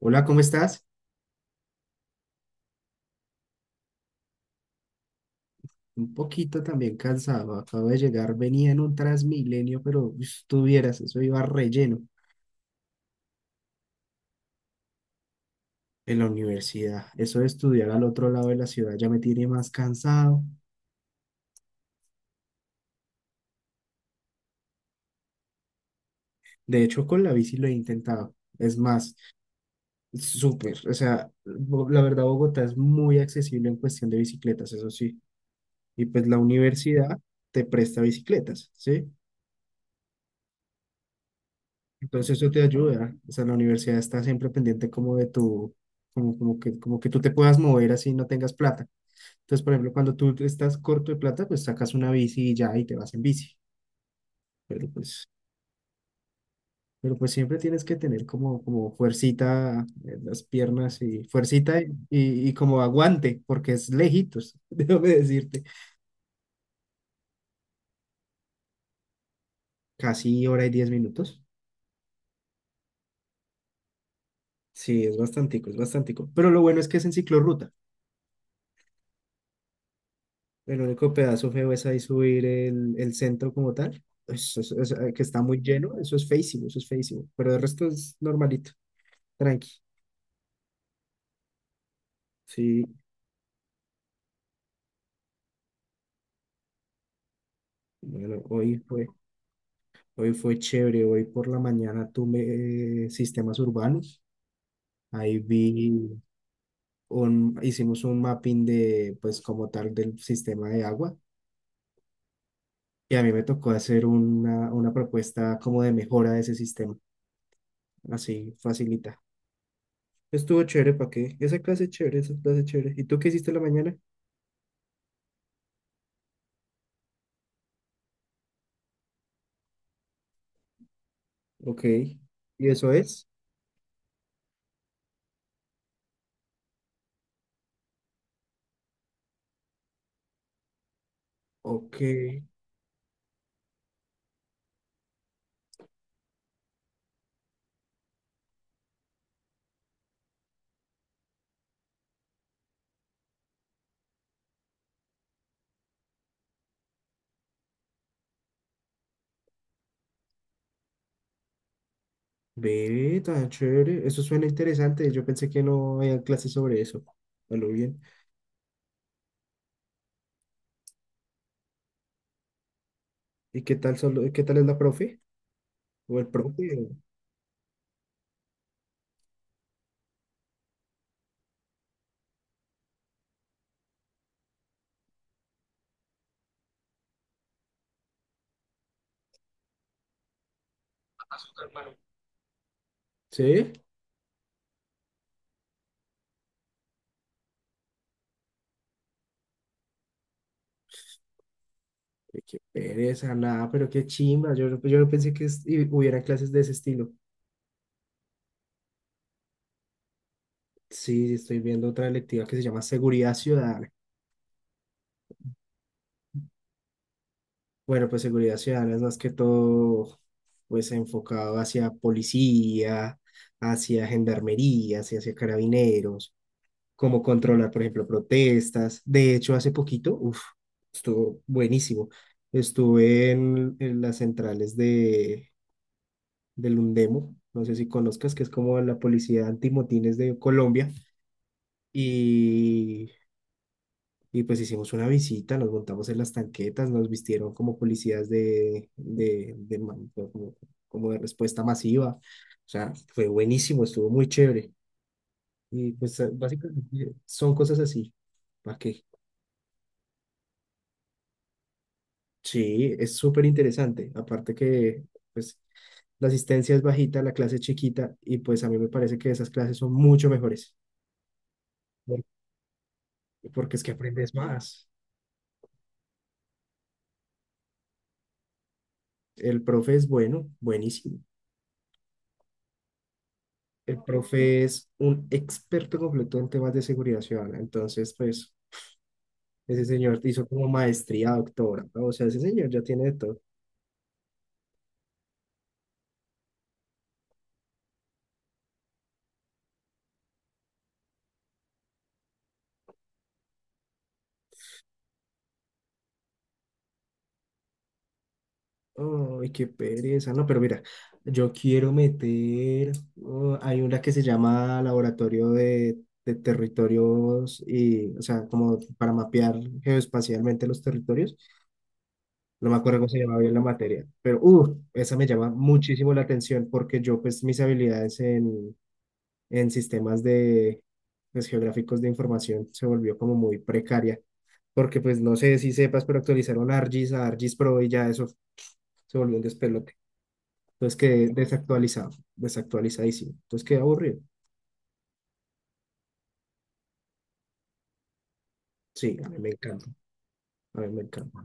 Hola, ¿cómo estás? Un poquito también cansado. Acabo de llegar, venía en un Transmilenio, pero estuvieras, eso iba relleno en la universidad. Eso de estudiar al otro lado de la ciudad ya me tiene más cansado. De hecho, con la bici lo he intentado. Es más, súper. O sea, la verdad, Bogotá es muy accesible en cuestión de bicicletas, eso sí. Y pues la universidad te presta bicicletas, ¿sí? Entonces eso te ayuda. O sea, la universidad está siempre pendiente como de tu, como, como que tú te puedas mover así y no tengas plata. Entonces, por ejemplo, cuando tú estás corto de plata, pues sacas una bici y ya y te vas en bici. Pero pues, pero pues siempre tienes que tener como fuercita en las piernas y fuercita y como aguante, porque es lejitos, déjame decirte. Casi hora y 10 minutos. Sí, es bastantico, es bastantico. Pero lo bueno es que es en ciclorruta. El único pedazo feo es ahí subir el centro como tal. Que está muy lleno, eso es feísimo, pero el resto es normalito, tranqui. Sí, bueno, hoy fue chévere. Hoy por la mañana tuve sistemas urbanos, ahí vi, hicimos un mapping de, pues como tal, del sistema de agua, y a mí me tocó hacer una propuesta como de mejora de ese sistema, así facilita. Estuvo chévere, ¿para qué? Esa clase es chévere, esa clase es chévere. ¿Y tú qué hiciste en la mañana? Ok. ¿Y eso es? Ok. Ve, tan chévere. Eso suena interesante. Yo pensé que no había clases sobre eso. A lo bien. ¿Y qué tal solo, qué tal es la profe? ¿O el profe? ¿Sí? Ay, qué pereza, nada, pero qué chimba. Yo no pensé que hubiera clases de ese estilo. Sí, sí, estoy viendo otra electiva que se llama Seguridad Ciudadana. Bueno, pues seguridad ciudadana es más que todo, pues enfocado hacia policía, hacia gendarmería, hacia carabineros, cómo controlar, por ejemplo, protestas. De hecho, hace poquito, uff, estuvo buenísimo. Estuve en las centrales del Undemo, no sé si conozcas, que es como la policía antimotines de Colombia, y Y pues hicimos una visita, nos montamos en las tanquetas, nos vistieron como policías de como de respuesta masiva. O sea, fue buenísimo, estuvo muy chévere. Y pues básicamente son cosas así. ¿Para qué? Sí, es súper interesante. Aparte que pues la asistencia es bajita, la clase es chiquita y pues a mí me parece que esas clases son mucho mejores. Por- Porque es que aprendes más. El profe es bueno, buenísimo. El profe es un experto completo en temas de seguridad ciudadana. Entonces, pues, ese señor hizo como maestría, doctora, ¿no? O sea, ese señor ya tiene de todo. Ay, qué pereza. No, pero mira, yo quiero meter. Oh, hay una que se llama Laboratorio de Territorios y, o sea, como para mapear geoespacialmente los territorios. No me acuerdo cómo se llamaba bien la materia, pero, esa me llama muchísimo la atención porque yo, pues, mis habilidades en sistemas de pues, geográficos de información se volvió como muy precaria, porque pues no sé si sepas, pero actualizaron ArcGIS a ArcGIS Pro y ya eso se volvió un despelote. Entonces quedé desactualizado, desactualizadísimo. Entonces quedé aburrido. Sí, a mí me encanta, a mí me encanta.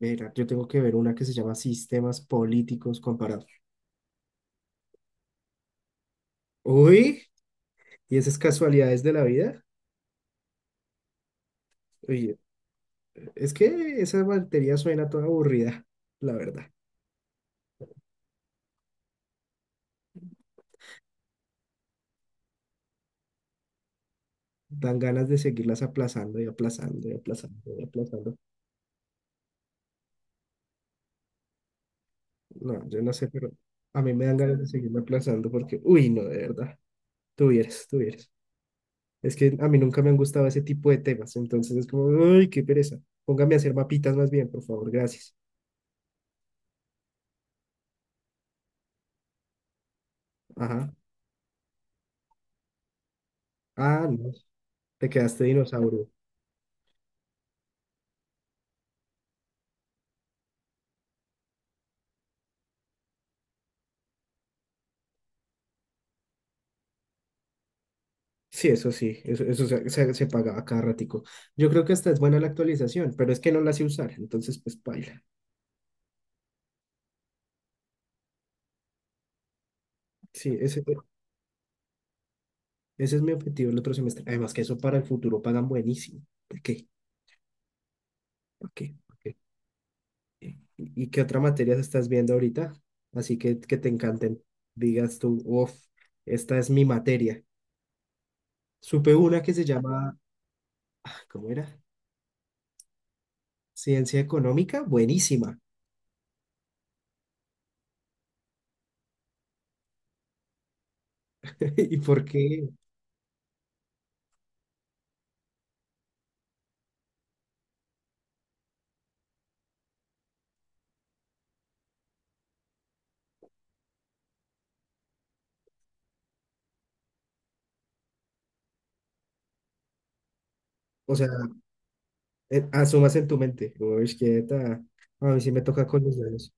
Mira, yo tengo que ver una que se llama Sistemas Políticos Comparados. Uy, ¿y esas casualidades de la vida? Oye, es que esa batería suena toda aburrida, la verdad. Dan ganas de seguirlas aplazando y aplazando y aplazando y aplazando. No, yo no sé, pero a mí me dan ganas de seguirme aplazando porque, uy, no, de verdad, tuvieras, tuvieras. Es que a mí nunca me han gustado ese tipo de temas, entonces es como, uy, qué pereza. Póngame a hacer mapitas más bien, por favor, gracias. Ajá. Ah, no, te quedaste dinosaurio. Sí, eso sí, eso se pagaba cada ratico. Yo creo que esta es buena la actualización, pero es que no la sé usar, entonces pues baila. Sí, ese, Ese es mi objetivo el otro semestre. Además que eso para el futuro pagan buenísimo. ¿Por qué? ¿Por qué? ¿Por qué? ¿Y, y qué otra materia estás viendo ahorita? Así que te encanten. Digas tú, uff, esta es mi materia. Supe una que se llama, ah, ¿Cómo era? Ciencia económica, buenísima. ¿Y por qué? O sea, asumas en tu mente. Uy, quieta. A mí sí me toca con los dedos.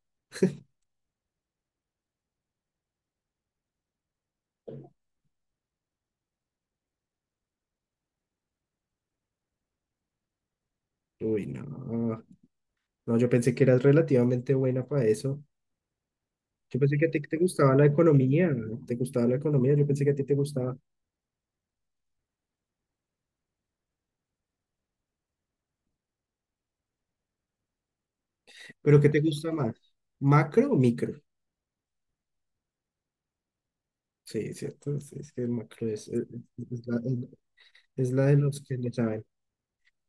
Uy, no. No, yo pensé que eras relativamente buena para eso. Yo pensé que a ti te gustaba la economía, te gustaba la economía, yo pensé que a ti te gustaba, pero ¿qué te gusta más? ¿Macro o micro? Sí, cierto, sí, es que el macro es, es, la, es es la de los que le saben.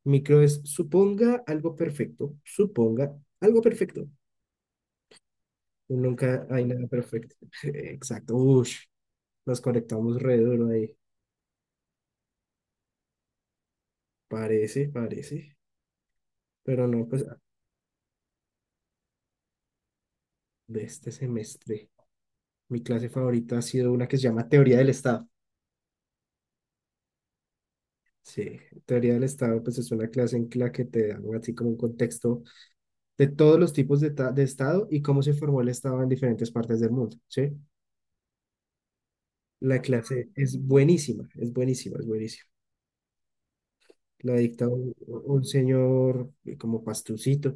Micro es suponga algo perfecto, suponga algo perfecto. Nunca hay nada perfecto. Exacto, ush, nos conectamos re duro ahí. Parece, parece, pero no, pues de este semestre. Mi clase favorita ha sido una que se llama Teoría del Estado. Sí, teoría del Estado, pues es una clase en la que te dan así como un contexto de todos los tipos de Estado y cómo se formó el Estado en diferentes partes del mundo, ¿sí? La clase es buenísima, es buenísima, es buenísima. La dicta un señor como pastucito,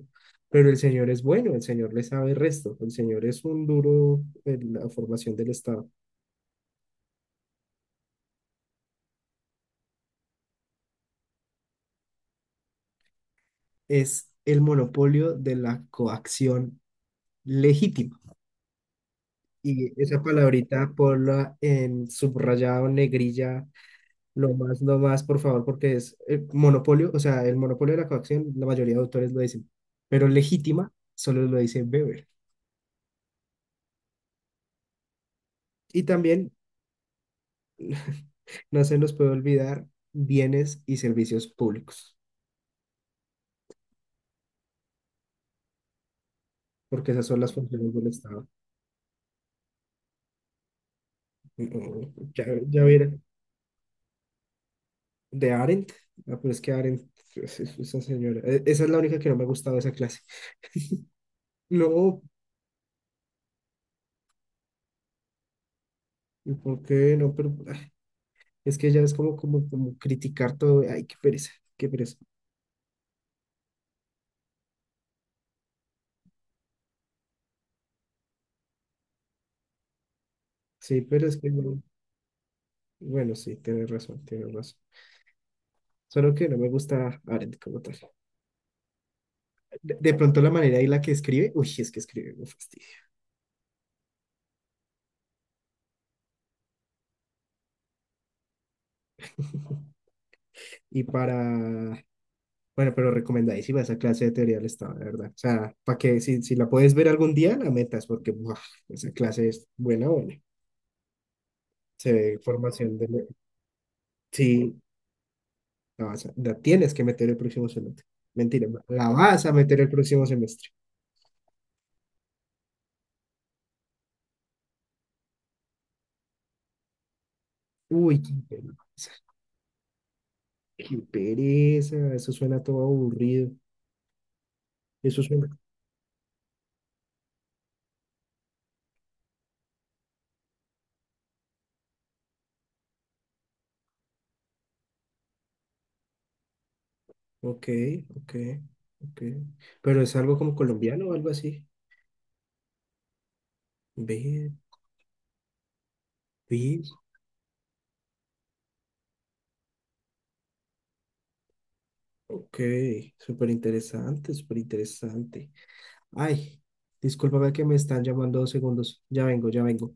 pero el señor es bueno, el señor le sabe el resto, el señor es un duro en la formación del Estado. Es el monopolio de la coacción legítima. Y esa palabrita ponla en subrayado, negrilla, lo más, por favor, porque es monopolio, o sea, el monopolio de la coacción, la mayoría de autores lo dicen, pero legítima solo lo dice Weber. Y también no se nos puede olvidar bienes y servicios públicos, porque esas son las funciones del Estado. No, ya, ya hubiera- de Arendt, ah, pero es que Arendt, esa señora, esa es la única que no me ha gustado de esa clase. No, ¿y ¿por qué no? Pero es que ya es como, como criticar todo. Ay, qué pereza, qué pereza. Sí, pero es que no- Bueno, sí, tienes razón, tienes razón. Solo que no me gusta Arendt como tal. De pronto la manera y la que escribe, uy, es que escribe un fastidio. Y para, bueno, pero recomendadísima esa clase de teoría del Estado, de verdad. O sea, para que si, si la puedes ver algún día, la metas, porque buah, esa clase es buena, buena. Se ve formación de... Sí, la tienes que meter el próximo semestre. Mentira, la vas a meter el próximo semestre. Uy, qué pereza, eso suena todo aburrido. Eso suena. Ok, ok, ok. Pero es algo como colombiano o algo así. Ve, ve. Ok, súper interesante, súper interesante. Ay, discúlpame que me están llamando 2 segundos. Ya vengo, ya vengo.